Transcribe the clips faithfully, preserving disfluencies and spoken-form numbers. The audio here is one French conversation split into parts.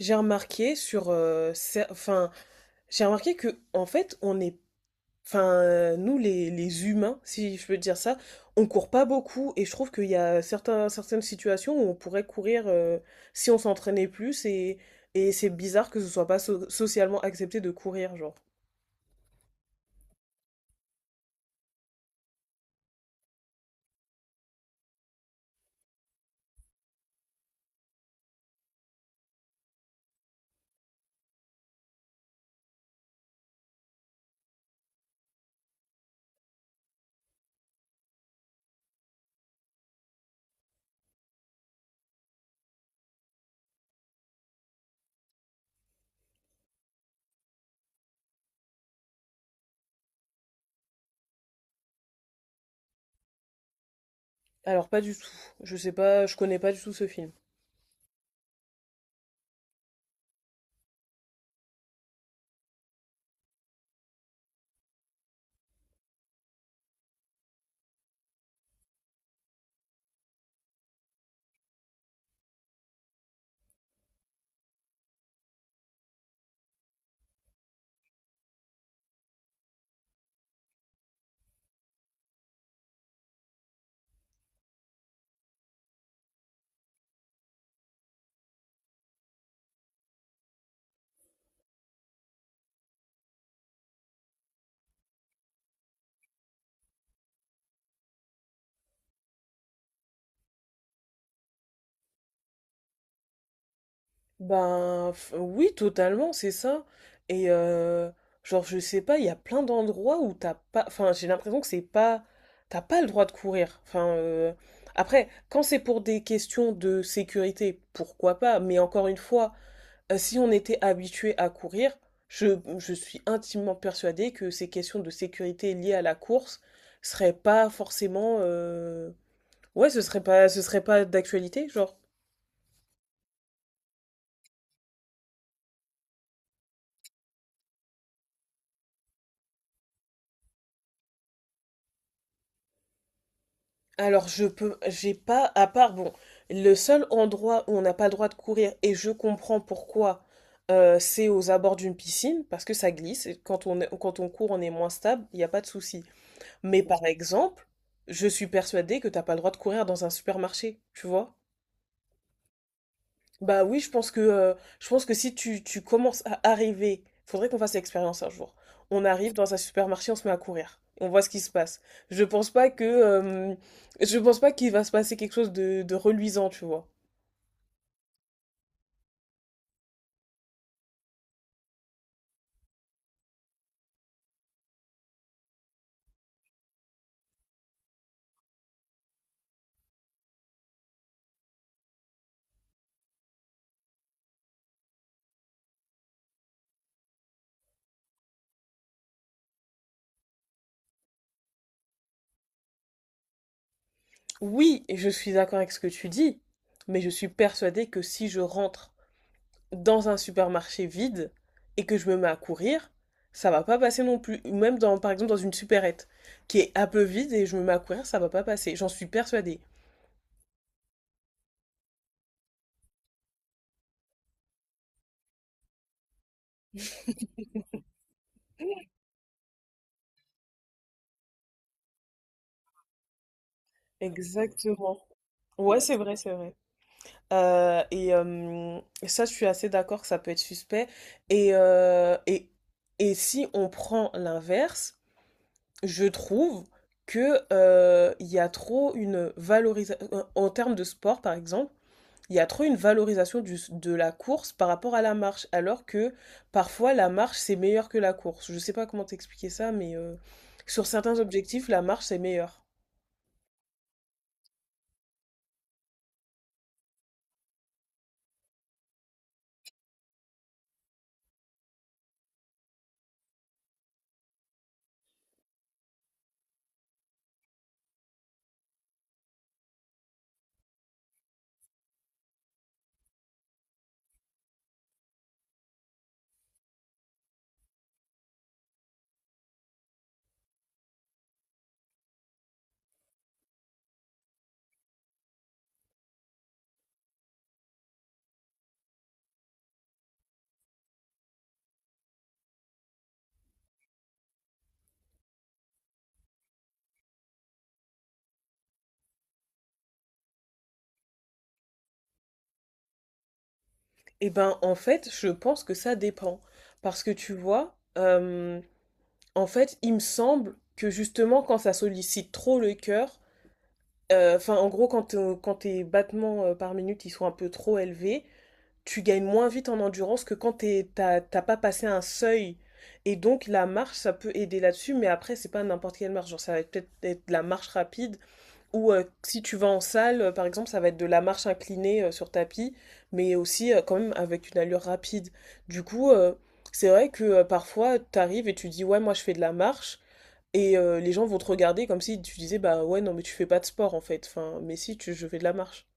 J'ai remarqué sur, euh, cer- enfin, j'ai remarqué que en fait, on est, enfin, euh, nous les, les humains, si je peux dire ça, on court pas beaucoup et je trouve qu'il y a certains, certaines situations où on pourrait courir euh, si on s'entraînait plus et, et c'est bizarre que ce soit pas so- socialement accepté de courir, genre. Alors pas du tout. Je sais pas, je connais pas du tout ce film. Ben f- oui, totalement, c'est ça. Et euh, genre, je sais pas, il y a plein d'endroits où t'as pas. Enfin, j'ai l'impression que c'est pas. T'as pas le droit de courir. Enfin, euh, après, quand c'est pour des questions de sécurité, pourquoi pas? Mais encore une fois, euh, si on était habitué à courir, je, je suis intimement persuadée que ces questions de sécurité liées à la course seraient pas forcément. euh, Ouais, ce serait pas, ce serait pas d'actualité, genre. Alors, je peux, j'ai pas, à part, bon, le seul endroit où on n'a pas le droit de courir, et je comprends pourquoi, euh, c'est aux abords d'une piscine, parce que ça glisse, et quand on, est- quand on court, on est moins stable, il n'y a pas de souci. Mais par exemple, je suis persuadée que t'as pas le droit de courir dans un supermarché, tu vois? Bah oui, je pense que, euh, je pense que si tu, tu commences à arriver, faudrait qu'on fasse l'expérience un jour. On arrive dans un supermarché, on se met à courir. On voit ce qui se passe. Je pense pas que, euh, je pense pas qu'il va se passer quelque chose de, de reluisant, tu vois. Oui, et je suis d'accord avec ce que tu dis, mais je suis persuadée que si je rentre dans un supermarché vide et que je me mets à courir, ça va pas passer non plus. Ou même dans, par exemple, dans une supérette qui est un peu vide et je me mets à courir, ça va pas passer. J'en suis persuadée. Exactement. Ouais, c'est vrai, c'est vrai. Euh, et euh, ça, je suis assez d'accord que ça peut être suspect. Et, euh, et, et si on prend l'inverse, je trouve que euh, il y a trop une valorisation, en termes de sport par exemple, il y a trop une valorisation du, de la course par rapport à la marche, alors que parfois la marche c'est meilleur que la course. Je sais pas comment t'expliquer ça, mais euh, sur certains objectifs, la marche c'est meilleur. Eh ben, en fait, je pense que ça dépend. Parce que tu vois, euh, en fait, il me semble que justement, quand ça sollicite trop le cœur, euh, enfin, en gros, quand, ton- quand tes battements euh, par minute, ils sont un peu trop élevés, tu gagnes moins vite en endurance que quand t'es- t'as t'as pas passé un seuil. Et donc, la marche, ça peut aider là-dessus, mais après, c'est pas n'importe quelle marche. Genre, ça va peut-être être de la marche rapide ou euh, si tu vas en salle, euh, par exemple, ça va être de la marche inclinée euh, sur tapis, mais aussi euh, quand même avec une allure rapide. Du coup, euh, c'est vrai que euh, parfois, t'arrives et tu dis, ouais, moi je fais de la marche, et euh, les gens vont te regarder comme si tu disais, bah ouais, non, mais tu fais pas de sport en fait. Enfin, mais si, tu, je fais de la marche.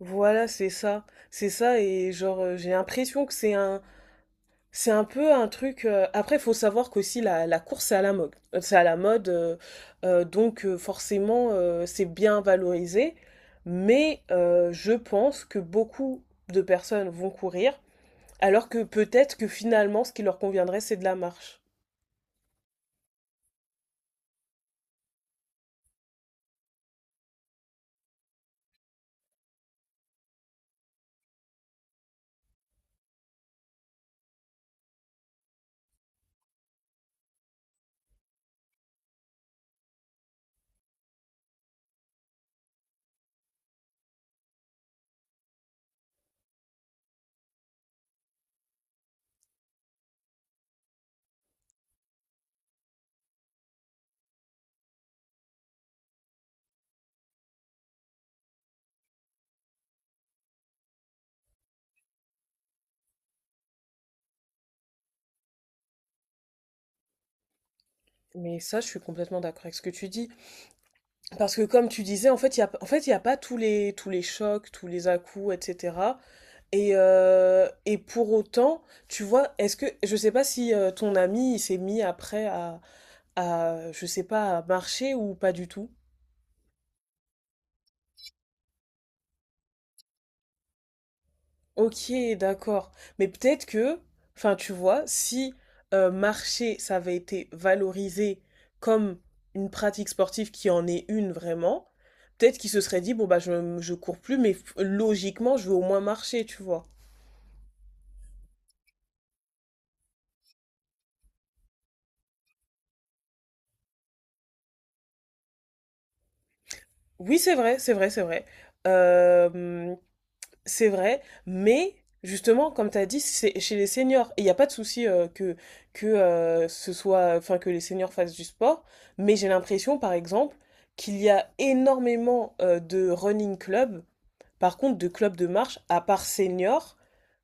Voilà, c'est ça. C'est ça, et genre, euh, j'ai l'impression que c'est un, c'est un peu un truc. euh, Après, il faut savoir qu'aussi la, la course, c'est à la mode. Euh, C'est à la mode, euh, euh, donc euh, forcément, euh, c'est bien valorisé. Mais euh, je pense que beaucoup de personnes vont courir, alors que peut-être que finalement, ce qui leur conviendrait, c'est de la marche. Mais ça, je suis complètement d'accord avec ce que tu dis. Parce que comme tu disais, en fait, il y a, en fait, il y a pas tous les, tous les chocs, tous les à-coups, et cetera. Et, euh, et pour autant, tu vois, est-ce que, je sais pas si euh, ton ami il s'est mis après à, à, je sais pas, à marcher ou pas du tout. Ok, d'accord. Mais peut-être que, enfin, tu vois, si euh, marcher, ça avait été valorisé comme une pratique sportive qui en est une vraiment, peut-être qu'il se serait dit, bon, bah, je, je cours plus, mais f- logiquement, je veux au moins marcher, tu vois. Oui, c'est vrai, c'est vrai, c'est vrai. Euh, C'est vrai, mais justement, comme tu as dit, c'est chez les seniors. Il n'y a pas de souci euh, que, que, euh, ce soit, enfin, que les seniors fassent du sport, mais j'ai l'impression, par exemple, qu'il y a énormément euh, de running clubs. Par contre, de clubs de marche, à part seniors,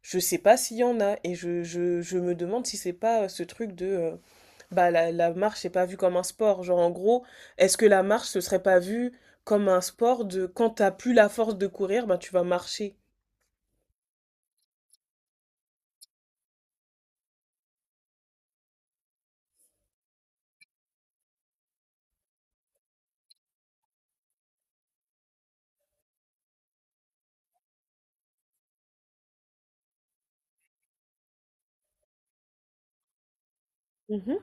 je sais pas s'il y en a. Et je, je, je me demande si c'est pas euh, ce truc de. euh, Bah, la, la marche, c'est pas vu comme un sport. Genre, en gros, est-ce que la marche, ce serait pas vu comme un sport de quand t'as plus la force de courir, bah, tu vas marcher? Mhm.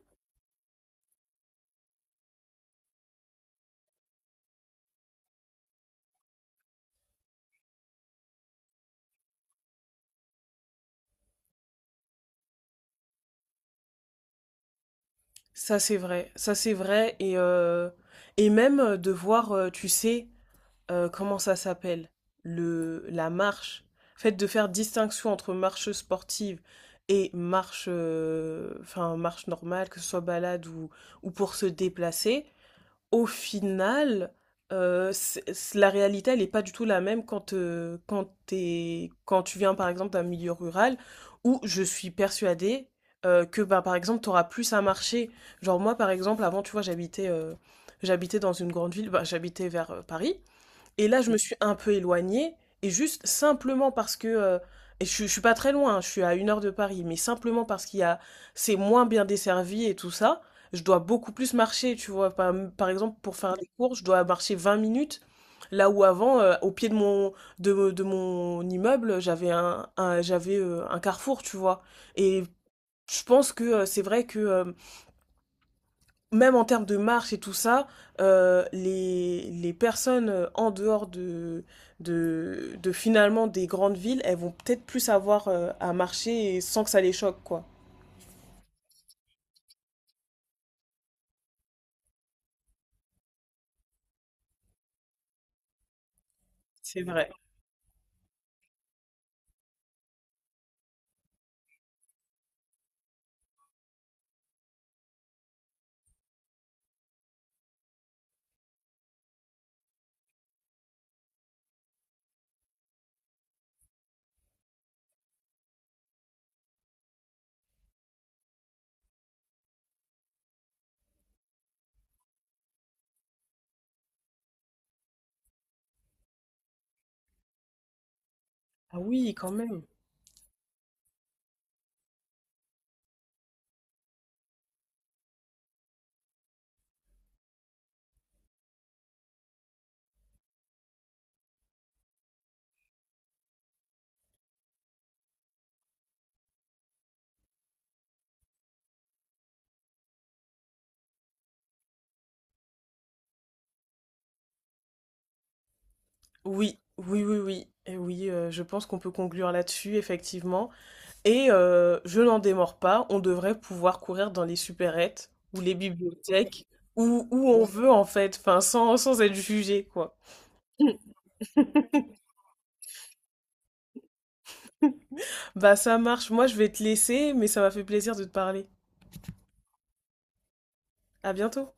Ça c'est vrai, ça c'est vrai et euh, et même euh, de voir, euh, tu sais, euh, comment ça s'appelle? Le, la marche. En fait, de faire distinction entre marche sportive et marche, euh, enfin, marche normale, que ce soit balade ou, ou pour se déplacer, au final, euh, c'est- c'est- la réalité, elle n'est pas du tout la même quand, euh, quand t'es- quand tu viens, par exemple, d'un milieu rural où je suis persuadée euh, que, bah, par exemple, tu auras plus à marcher. Genre, moi, par exemple, avant, tu vois, j'habitais euh, j'habitais dans une grande ville, bah, j'habitais vers euh, Paris. Et là, je me suis un peu éloignée, et juste simplement parce que, euh, et je, je suis pas très loin, hein, je suis à une heure de Paris, mais simplement parce qu'il y a, c'est moins bien desservi et tout ça, je dois beaucoup plus marcher, tu vois. Par, par exemple, pour faire des cours, je dois marcher vingt minutes, là où avant, euh, au pied de mon, de, de mon immeuble, j'avais un, un- j'avais, euh, un carrefour, tu vois. Et je pense que euh, c'est vrai que euh, même en termes de marche et tout ça, euh, les, les personnes euh, en dehors de, de, de finalement des grandes villes, elles vont peut-être plus avoir euh, à marcher et sans que ça les choque, quoi. C'est vrai. Ah oui, quand même. Oui, oui, oui, oui. Et oui, euh, je pense qu'on peut conclure là-dessus, effectivement. Et euh, je n'en démords pas, on devrait pouvoir courir dans les supérettes ou les bibliothèques, où, où on Ouais. veut, en fait, enfin, sans, sans être jugé, quoi. Bah ça marche, moi je vais te laisser, mais ça m'a fait plaisir de te parler. À bientôt.